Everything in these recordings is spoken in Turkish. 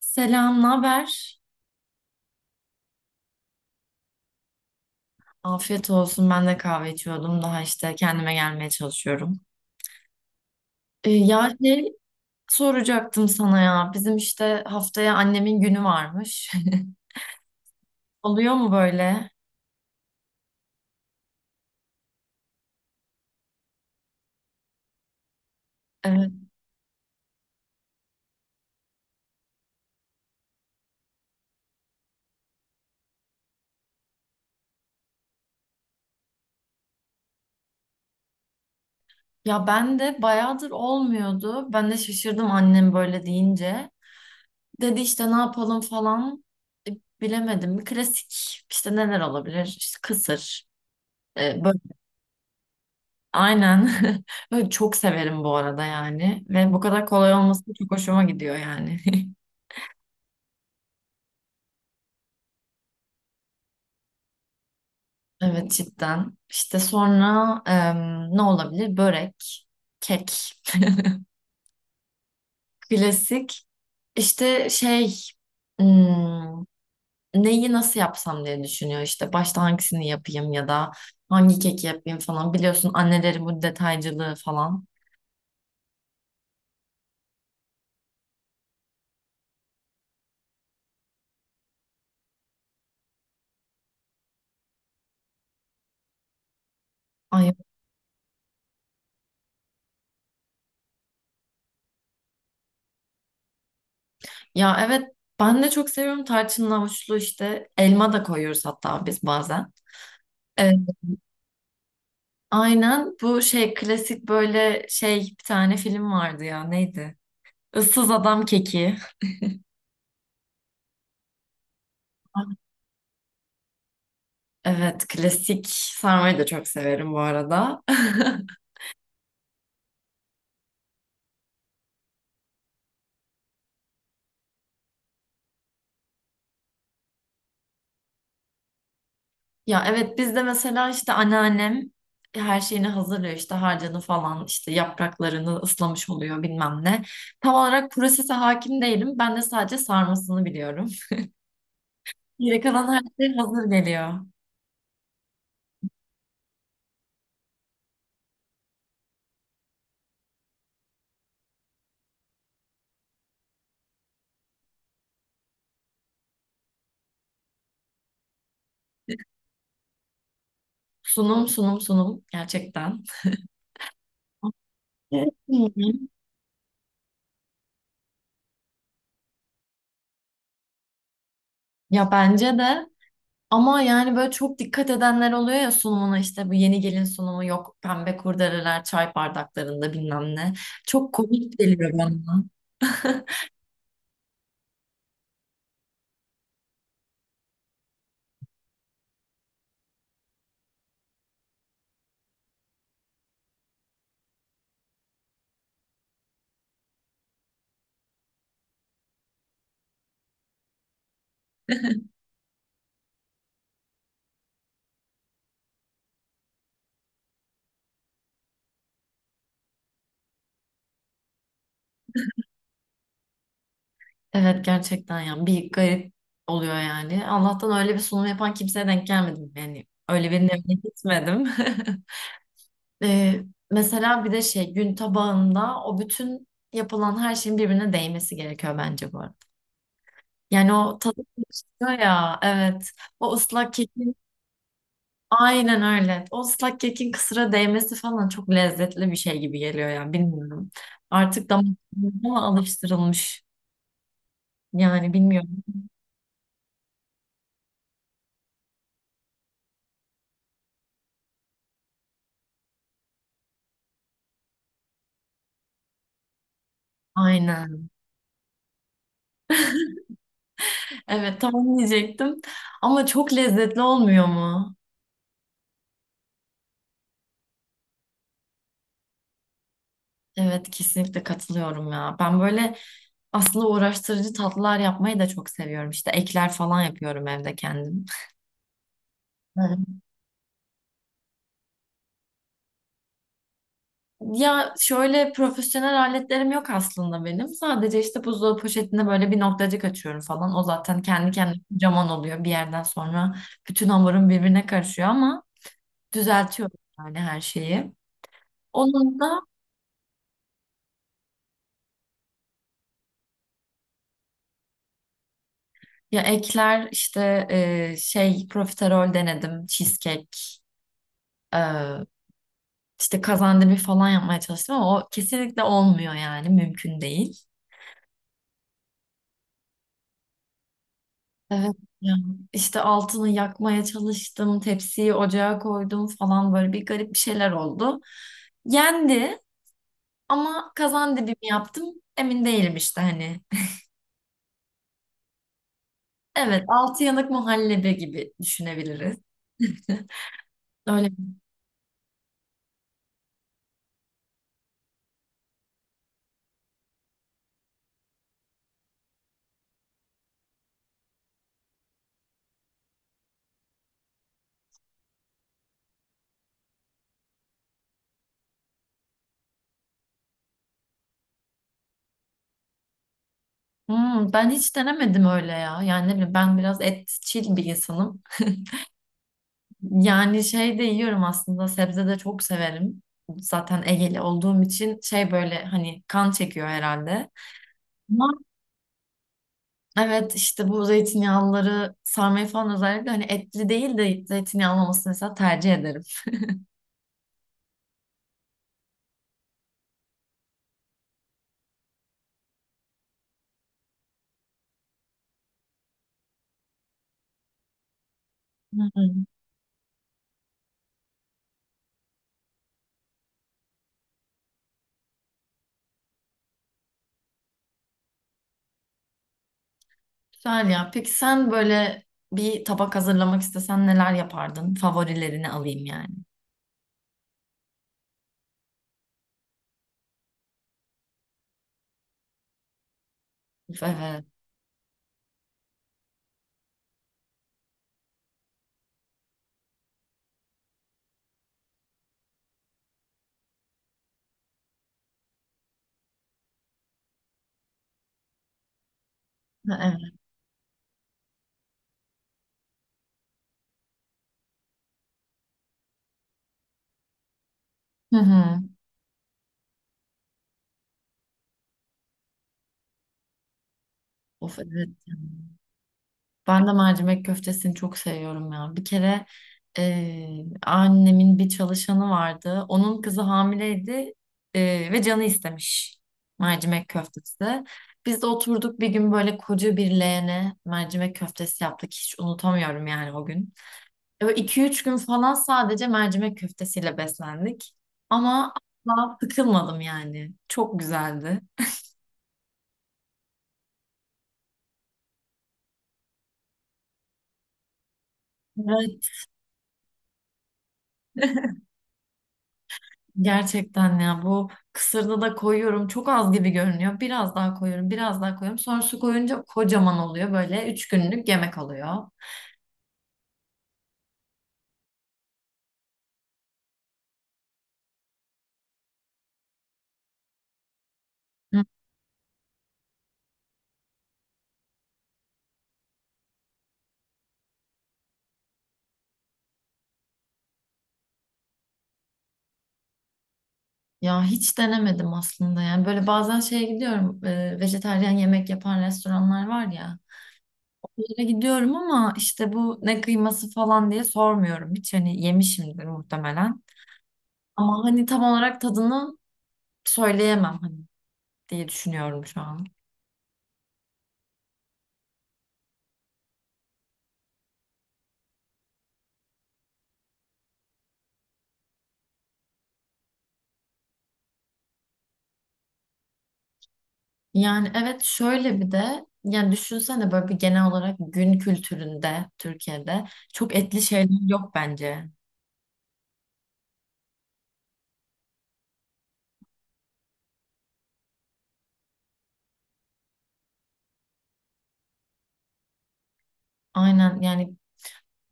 Selam, ne haber? Afiyet olsun. Ben de kahve içiyordum. Daha işte kendime gelmeye çalışıyorum. Ya şey soracaktım sana ya. Bizim işte haftaya annemin günü varmış. Oluyor mu böyle? Evet. Ya ben de bayağıdır olmuyordu. Ben de şaşırdım annem böyle deyince. Dedi işte ne yapalım falan. E, bilemedim. Klasik işte neler olabilir? İşte kısır. E, böyle Aynen. Ben çok severim bu arada yani. Ve bu kadar kolay olması çok hoşuma gidiyor yani. Evet cidden. İşte sonra ne olabilir? Börek, kek. Klasik. İşte hmm, neyi nasıl yapsam diye düşünüyor işte başta hangisini yapayım ya da hangi keki yapayım falan biliyorsun annelerin bu detaycılığı falan. Ay, ya evet ben de çok seviyorum tarçınlı havuçlu işte elma da koyuyoruz hatta biz bazen. Aynen bu şey klasik böyle şey bir tane film vardı ya neydi? Issız Adam Keki. Evet klasik sarmayı da çok severim bu arada. Ya evet biz de mesela işte anneannem her şeyini hazırlıyor işte harcını falan işte yapraklarını ıslamış oluyor bilmem ne. Tam olarak prosese hakim değilim ben de sadece sarmasını biliyorum. Geri kalan her şey hazır geliyor. Sunum gerçekten. Evet. Ya bence de ama yani böyle çok dikkat edenler oluyor ya sunumuna işte bu yeni gelin sunumu yok pembe kurdeleler çay bardaklarında bilmem ne. Çok komik geliyor bana. Evet gerçekten yani bir garip oluyor yani. Allah'tan öyle bir sunum yapan kimseye denk gelmedim yani. Öyle birine evine gitmedim. Ee, mesela bir de şey gün tabağında o bütün yapılan her şeyin birbirine değmesi gerekiyor bence bu arada. Yani o tadı karışıyor ya evet. O ıslak kek aynen öyle. O ıslak kekin kısıra değmesi falan çok lezzetli bir şey gibi geliyor yani bilmiyorum. Artık damak tadına mı alıştırılmış? Yani bilmiyorum. Aynen. Evet tam diyecektim. Ama çok lezzetli olmuyor mu? Evet kesinlikle katılıyorum ya. Ben böyle aslında uğraştırıcı tatlılar yapmayı da çok seviyorum. İşte ekler falan yapıyorum evde kendim. Ya şöyle profesyonel aletlerim yok aslında benim. Sadece işte buzdolabı poşetinde böyle bir noktacık açıyorum falan. O zaten kendi kendine kocaman oluyor bir yerden sonra. Bütün hamurum birbirine karışıyor ama düzeltiyorum yani her şeyi. Onun da ya ekler işte şey profiterol denedim, cheesecake, e, işte kazandibi falan yapmaya çalıştım ama o kesinlikle olmuyor yani mümkün değil. Evet ya. İşte altını yakmaya çalıştım, tepsiyi ocağa koydum falan böyle bir garip bir şeyler oldu. Yendi ama kazan dibi mi yaptım emin değilim işte hani. Evet, altı yanık muhallebi gibi düşünebiliriz. Öyle. Hmm, ben hiç denemedim öyle ya. Yani ne bileyim ben biraz etçil bir insanım. Yani şey de yiyorum aslında sebze de çok severim. Zaten Egeli olduğum için şey böyle hani kan çekiyor herhalde. Evet işte bu zeytinyağlıları sarmayı falan özellikle hani etli değil de zeytinyağlı olmasını mesela tercih ederim. Hı hı. Güzel ya. Peki sen böyle bir tabak hazırlamak istesen neler yapardın? Favorilerini alayım yani. Of evet. Ha, evet. Hı hı. Of evet. Ben de mercimek köftesini çok seviyorum ya. Bir kere annemin bir çalışanı vardı. Onun kızı hamileydi, ve canı istemiş mercimek köftesi. Biz de oturduk bir gün böyle koca bir leğene mercimek köftesi yaptık. Hiç unutamıyorum yani o gün. Böyle 2-3 gün falan sadece mercimek köftesiyle beslendik. Ama asla sıkılmadım yani. Çok güzeldi. Gerçekten ya bu kısırda da koyuyorum. Çok az gibi görünüyor. Biraz daha koyuyorum, biraz daha koyuyorum. Sonra su koyunca kocaman oluyor. Böyle üç günlük yemek oluyor. Hı. Ya hiç denemedim aslında yani. Böyle bazen şeye gidiyorum. E, vejetaryen yemek yapan restoranlar var ya. Oraya gidiyorum ama işte bu ne kıyması falan diye sormuyorum. Hiç hani yemişimdir muhtemelen. Ama hani tam olarak tadını söyleyemem hani diye düşünüyorum şu an. Yani evet şöyle bir de yani düşünsene böyle bir genel olarak gün kültüründe Türkiye'de çok etli şeyler yok bence. Aynen yani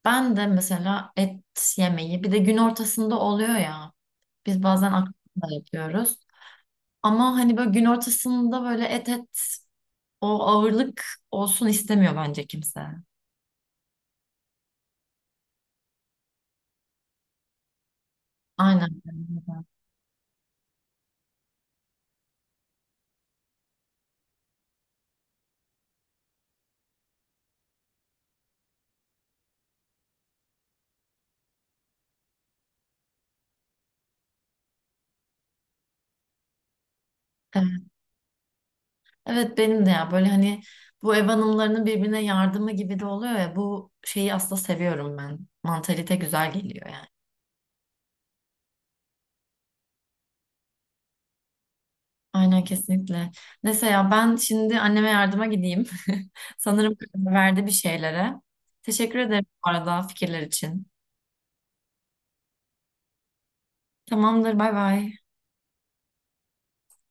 ben de mesela et yemeği bir de gün ortasında oluyor ya biz bazen akşam da yapıyoruz. Ama hani böyle gün ortasında böyle et o ağırlık olsun istemiyor bence kimse. Aynen. Evet. Evet benim de ya böyle hani bu ev hanımlarının birbirine yardımı gibi de oluyor ya bu şeyi aslında seviyorum ben. Mantalite güzel geliyor yani. Aynen kesinlikle. Neyse ya ben şimdi anneme yardıma gideyim. Sanırım karar verdi bir şeylere. Teşekkür ederim bu arada fikirler için. Tamamdır, bay bay.